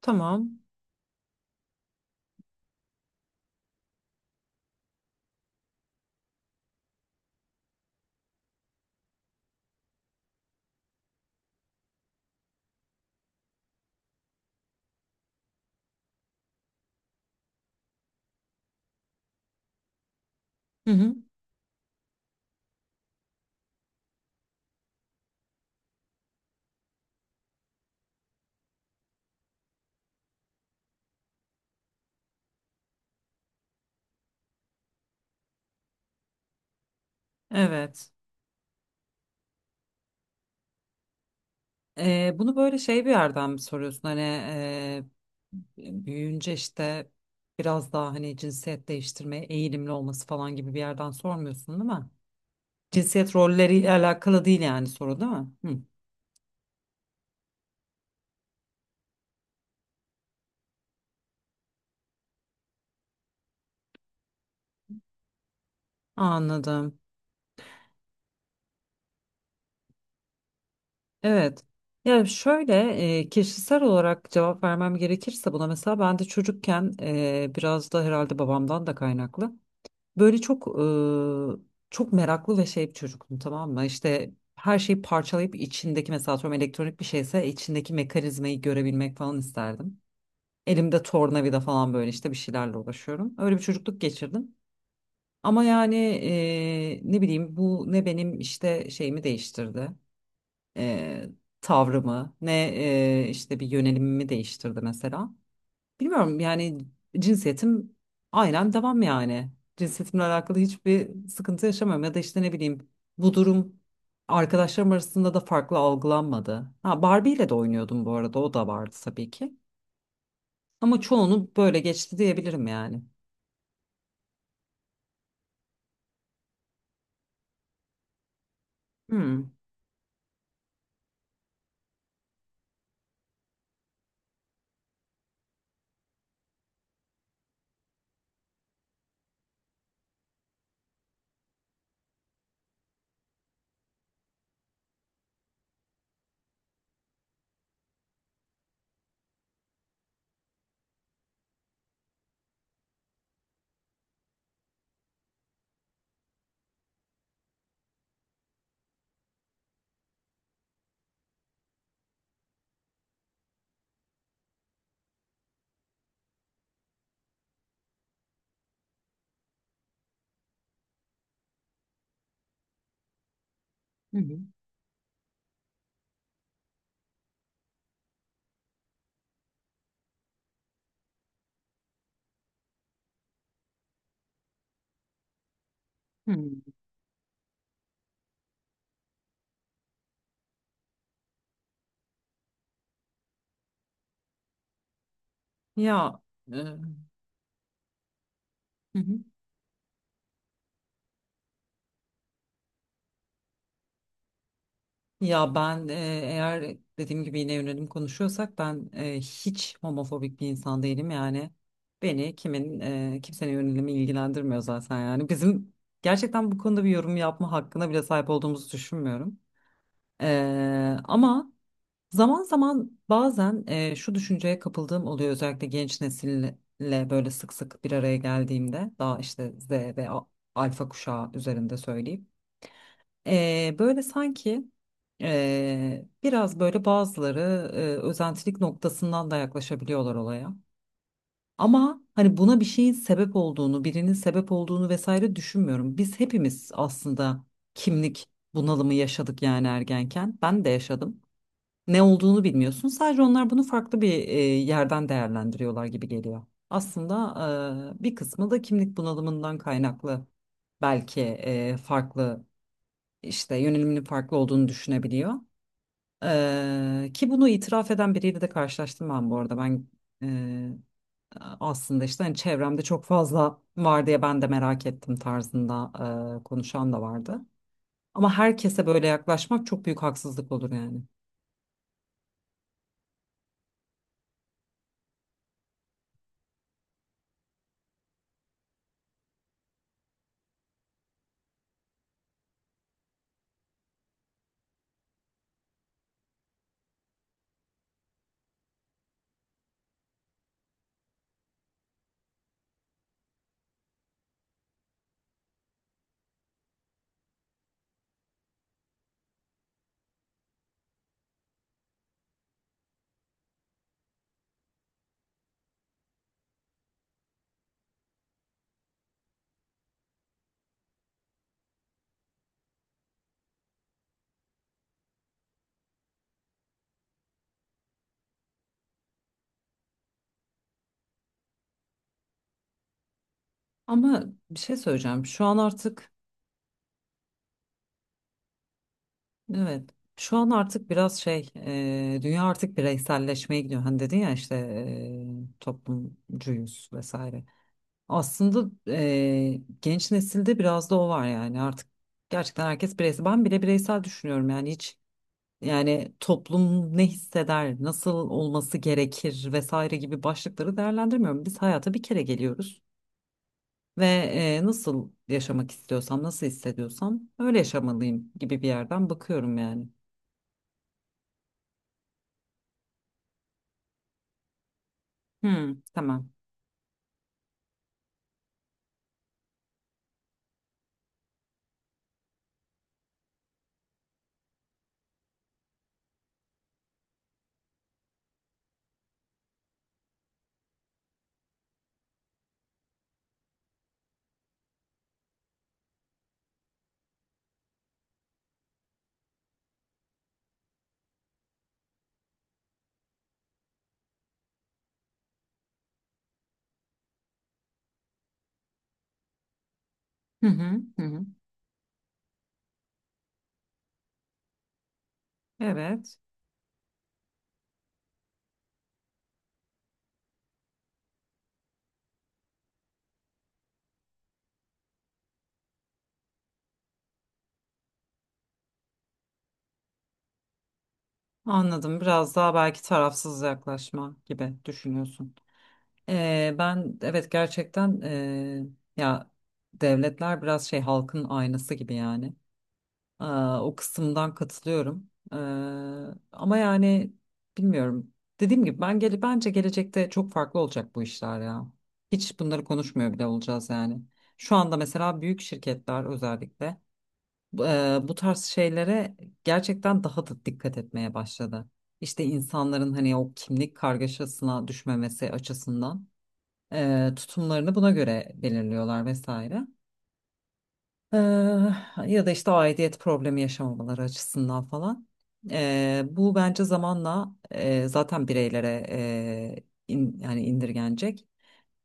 Tamam. Hı hı. Evet. Bunu böyle şey bir yerden mi soruyorsun? Hani büyüyünce işte biraz daha hani cinsiyet değiştirmeye eğilimli olması falan gibi bir yerden sormuyorsun değil mi? Cinsiyet rolleriyle alakalı değil yani, soru değil mi? Hı. Anladım. Evet. Yani şöyle, kişisel olarak cevap vermem gerekirse buna, mesela ben de çocukken biraz da herhalde babamdan da kaynaklı. Böyle çok meraklı ve şey bir çocuktum, tamam mı? İşte her şeyi parçalayıp içindeki, mesela atıyorum, elektronik bir şeyse içindeki mekanizmayı görebilmek falan isterdim. Elimde tornavida falan, böyle işte bir şeylerle uğraşıyorum. Öyle bir çocukluk geçirdim. Ama yani ne bileyim, bu ne benim işte şeyimi değiştirdi. E, Tavrımı ne, işte bir yönelimimi değiştirdi mesela. Bilmiyorum yani, cinsiyetim aynen devam yani. Cinsiyetimle alakalı hiçbir sıkıntı yaşamıyorum ya da işte ne bileyim, bu durum arkadaşlarım arasında da farklı algılanmadı. Ha, Barbie ile de oynuyordum bu arada, o da vardı tabii ki. Ama çoğunu böyle geçti diyebilirim yani. Hmm. Hı hı. Hı. Ya, hı hı. Ya ben, eğer dediğim gibi, yine yönelim konuşuyorsak, ben hiç homofobik bir insan değilim yani. Beni kimsenin yönelimi ilgilendirmiyor zaten, yani bizim gerçekten bu konuda bir yorum yapma hakkına bile sahip olduğumuzu düşünmüyorum. Ama zaman zaman, bazen şu düşünceye kapıldığım oluyor, özellikle genç nesille böyle sık sık bir araya geldiğimde. Daha işte Z ve Alfa kuşağı üzerinde söyleyeyim. Böyle sanki, biraz böyle bazıları, ee, özentilik noktasından da yaklaşabiliyorlar olaya. Ama hani buna bir şeyin sebep olduğunu, birinin sebep olduğunu vesaire düşünmüyorum. Biz hepimiz aslında kimlik bunalımı yaşadık yani, ergenken. Ben de yaşadım. Ne olduğunu bilmiyorsun. Sadece onlar bunu farklı bir yerden değerlendiriyorlar gibi geliyor. Aslında bir kısmı da kimlik bunalımından kaynaklı belki farklı, işte yöneliminin farklı olduğunu düşünebiliyor. Ki bunu itiraf eden biriyle de karşılaştım ben bu arada. Ben e, aslında işte, hani çevremde çok fazla var diye ben de merak ettim tarzında konuşan da vardı. Ama herkese böyle yaklaşmak çok büyük haksızlık olur yani. Ama bir şey söyleyeceğim. Şu an artık, evet, şu an artık biraz şey, dünya artık bireyselleşmeye gidiyor. Hani dedin ya, işte toplumcuyuz vesaire. Aslında genç nesilde biraz da o var yani, artık gerçekten herkes bireysel. Ben bile bireysel düşünüyorum yani, hiç, yani toplum ne hisseder, nasıl olması gerekir vesaire gibi başlıkları değerlendirmiyorum. Biz hayata bir kere geliyoruz ve nasıl yaşamak istiyorsam, nasıl hissediyorsam öyle yaşamalıyım gibi bir yerden bakıyorum yani. Hmm, tamam. Hı hı, hı hı. Evet, anladım. Biraz daha belki tarafsız yaklaşma gibi düşünüyorsun. Ben, evet, gerçekten, ya devletler biraz şey, halkın aynası gibi yani. Aa, o kısımdan katılıyorum. Ama yani bilmiyorum. Dediğim gibi, ben bence gelecekte çok farklı olacak bu işler ya. Hiç bunları konuşmuyor bile olacağız yani. Şu anda mesela büyük şirketler özellikle bu tarz şeylere gerçekten daha da dikkat etmeye başladı. İşte insanların hani o kimlik kargaşasına düşmemesi açısından tutumlarını buna göre belirliyorlar vesaire. E, Ya da işte aidiyet problemi yaşamamaları açısından falan. Bu bence zamanla, zaten bireylere, yani indirgenecek.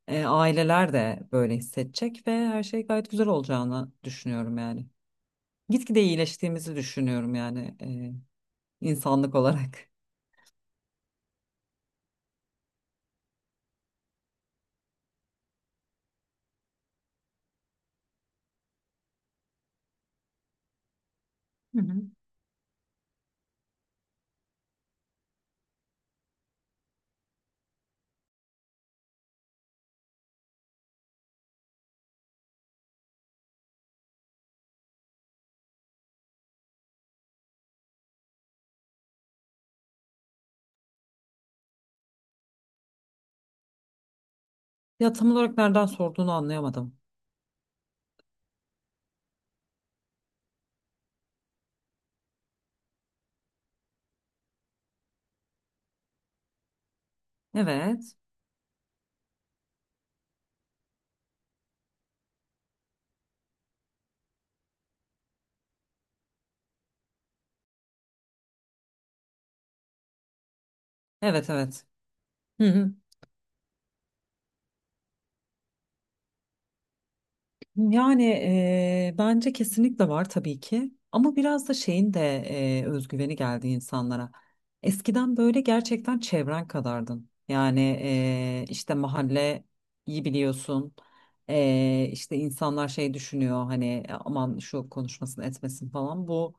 Aileler de böyle hissedecek ve her şey gayet güzel olacağını düşünüyorum yani. Gitgide iyileştiğimizi düşünüyorum yani, insanlık olarak. Hı hı. Ya tam olarak nereden sorduğunu anlayamadım. Evet. Evet, evet. Hı hı. Yani bence kesinlikle var tabii ki, ama biraz da şeyin de, özgüveni geldi insanlara. Eskiden böyle gerçekten çevren kadardın. Yani işte mahalle, iyi biliyorsun. İşte insanlar şey düşünüyor, hani "E, aman şu konuşmasın etmesin falan. Bu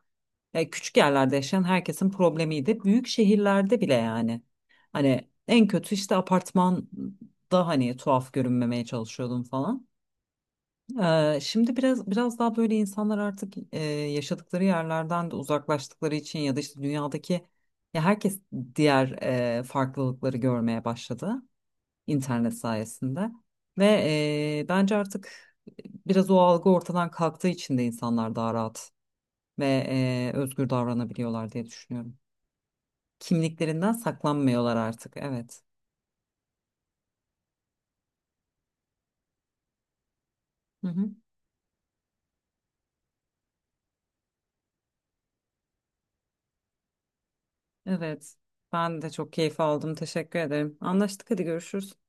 küçük yerlerde yaşayan herkesin problemiydi. Büyük şehirlerde bile yani. Hani en kötü işte apartmanda hani tuhaf görünmemeye çalışıyordum falan. Şimdi biraz daha böyle, insanlar artık yaşadıkları yerlerden de uzaklaştıkları için ya da işte dünyadaki, ya herkes diğer farklılıkları görmeye başladı internet sayesinde ve bence artık biraz o algı ortadan kalktığı için de insanlar daha rahat ve özgür davranabiliyorlar diye düşünüyorum. Kimliklerinden saklanmıyorlar artık. Evet. Hı hı. Evet. Ben de çok keyif aldım. Teşekkür ederim. Anlaştık. Hadi, görüşürüz.